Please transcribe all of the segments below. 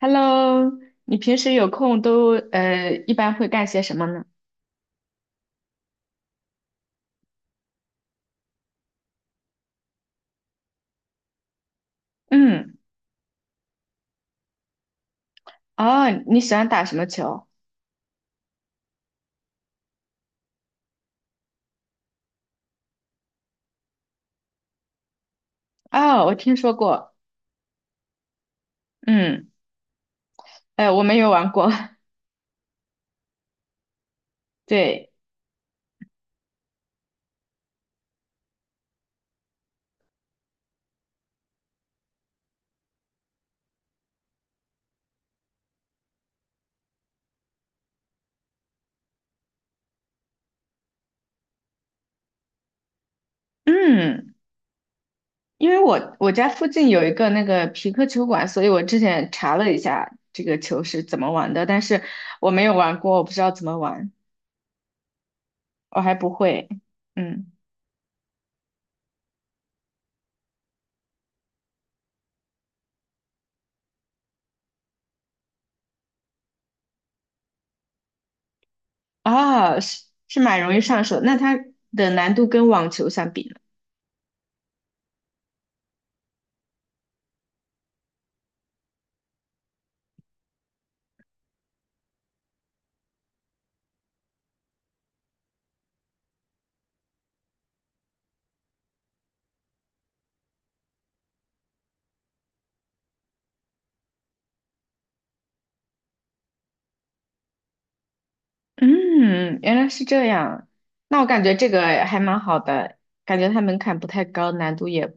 Hello，你平时有空都一般会干些什么呢？嗯。哦，你喜欢打什么球？哦，我听说过，嗯，我没有玩过，对，嗯，因为我家附近有一个那个皮克球馆，所以我之前查了一下这个球是怎么玩的，但是我没有玩过，我不知道怎么玩，我还不会，嗯。啊，是是蛮容易上手，那它的难度跟网球相比呢？嗯，原来是这样。那我感觉这个还蛮好的，感觉它门槛不太高，难度也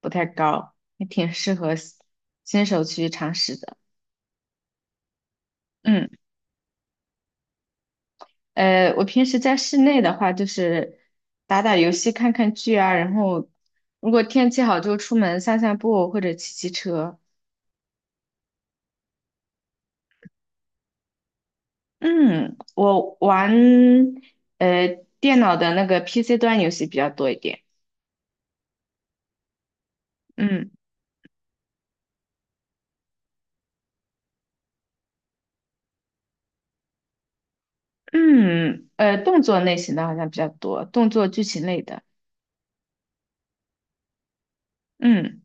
不太高，还挺适合新手去尝试的。嗯，我平时在室内的话，就是打打游戏、看看剧啊，然后如果天气好就出门散散步或者骑骑车。嗯，我玩呃电脑的那个 PC 端游戏比较多一点。嗯。嗯，动作类型的好像比较多，动作剧情类的。嗯，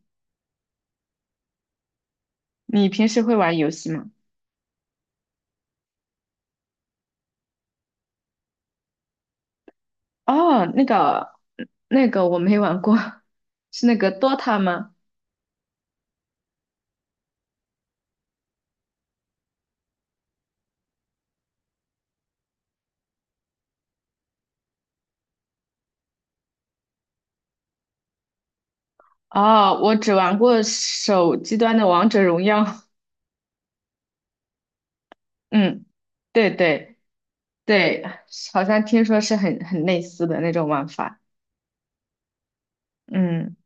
你平时会玩游戏吗？哦，那个我没玩过，是那个 Dota 吗？哦，我只玩过手机端的王者荣耀。嗯，对对对，好像听说是很类似的那种玩法。嗯，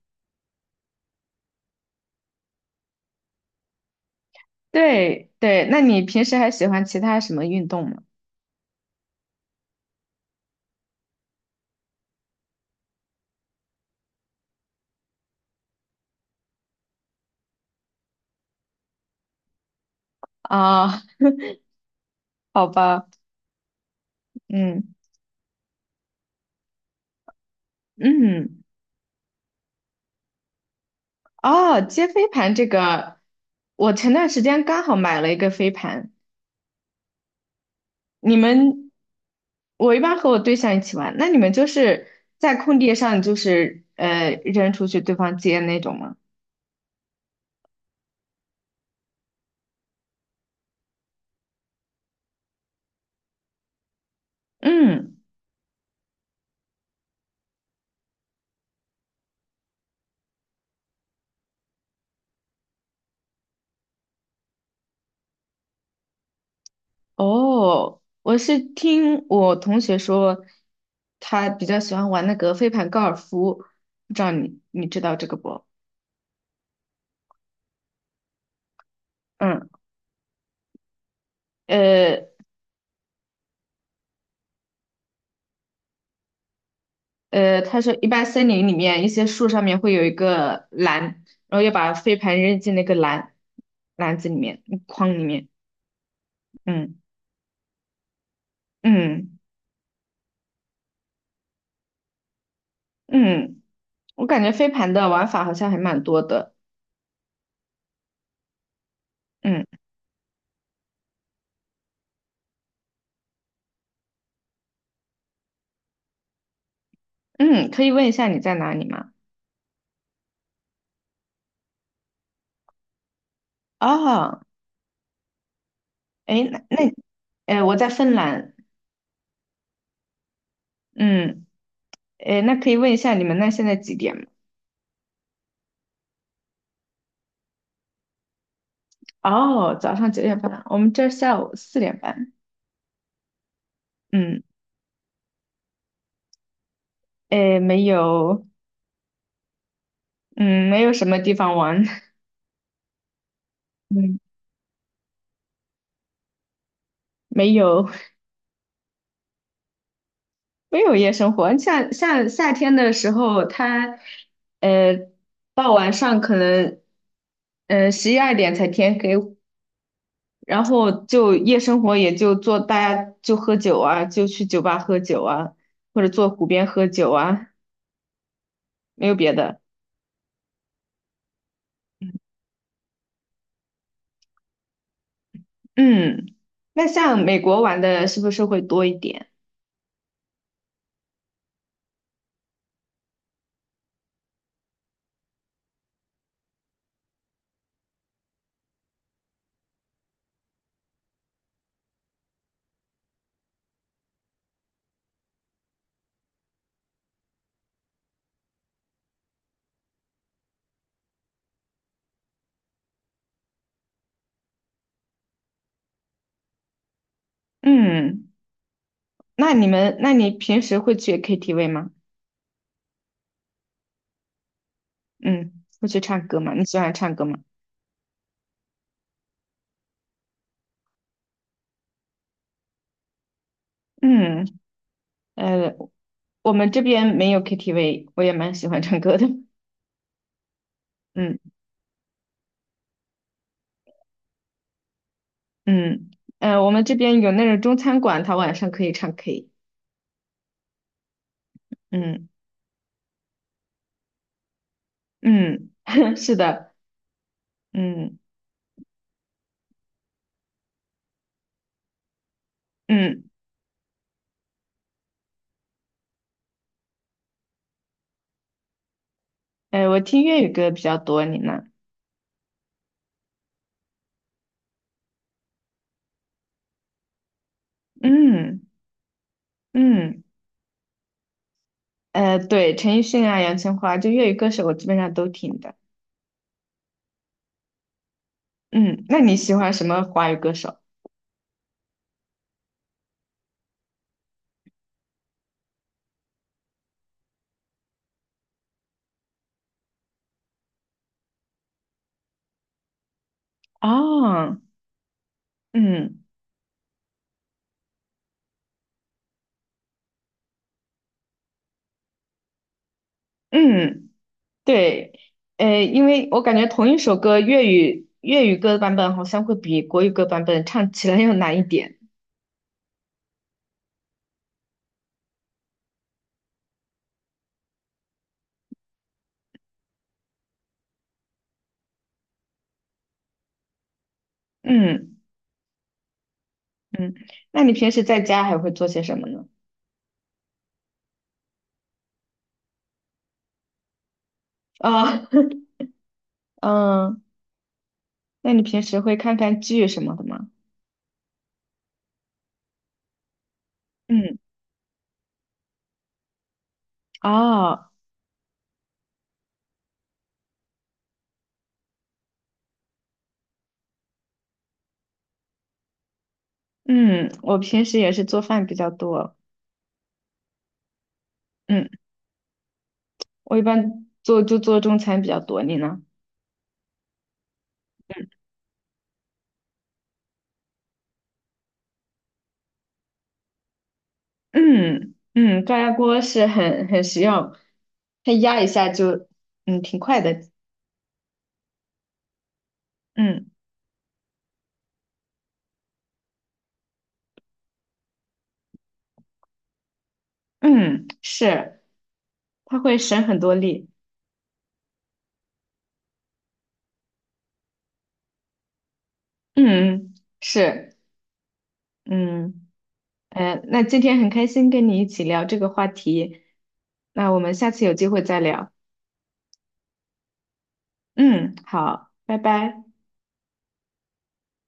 对对，那你平时还喜欢其他什么运动吗？啊，好吧，嗯嗯。哦，接飞盘这个，我前段时间刚好买了一个飞盘。你们，我一般和我对象一起玩，那你们就是在空地上，就是扔出去，对方接那种吗？嗯，哦，我是听我同学说，他比较喜欢玩那个飞盘高尔夫，不知道你知道这个不？嗯，呃，他说一般森林里面一些树上面会有一个篮，然后要把飞盘扔进那个篮子里面筐里面。嗯嗯嗯，我感觉飞盘的玩法好像还蛮多的。嗯嗯，可以问一下你在哪里吗？哦，哎，哎，我在芬兰。嗯，哎，那可以问一下你们那现在几点吗？哦，早上9:30，我们这儿下午4:30。嗯，哎，没有，嗯，没有什么地方玩。嗯。没有 没有夜生活，像夏天的时候，它呃到晚上可能11、12点才天黑，然后就夜生活也就做大家就喝酒啊，就去酒吧喝酒啊，或者坐湖边喝酒啊，没有别的。嗯，那像美国玩的是不是会多一点？嗯，那你们那你平时会去 KTV 吗？嗯，会去唱歌吗？你喜欢唱歌吗？嗯，呃，我们这边没有 KTV，我也蛮喜欢唱歌的。嗯嗯我们这边有那种中餐馆，他晚上可以唱 K。嗯嗯，是的，嗯嗯，我听粤语歌比较多，你呢？嗯嗯，对，陈奕迅啊，杨千嬅，就粤语歌手我基本上都听的。嗯，那你喜欢什么华语歌手？哦，嗯嗯。对，因为我感觉同一首歌粤语歌版本好像会比国语歌版本唱起来 要难一点。嗯嗯，那你平时在家还会做些什么呢？啊，嗯，那你平时会看看剧什么的吗？嗯，哦，嗯，我平时也是做饭比较多。嗯，我一般做就做中餐比较多，你呢？嗯嗯，高压锅是很实用，它压一下就挺快的。嗯。嗯，是，他会省很多力。嗯，是，嗯，那今天很开心跟你一起聊这个话题，那我们下次有机会再聊。嗯，好，拜拜。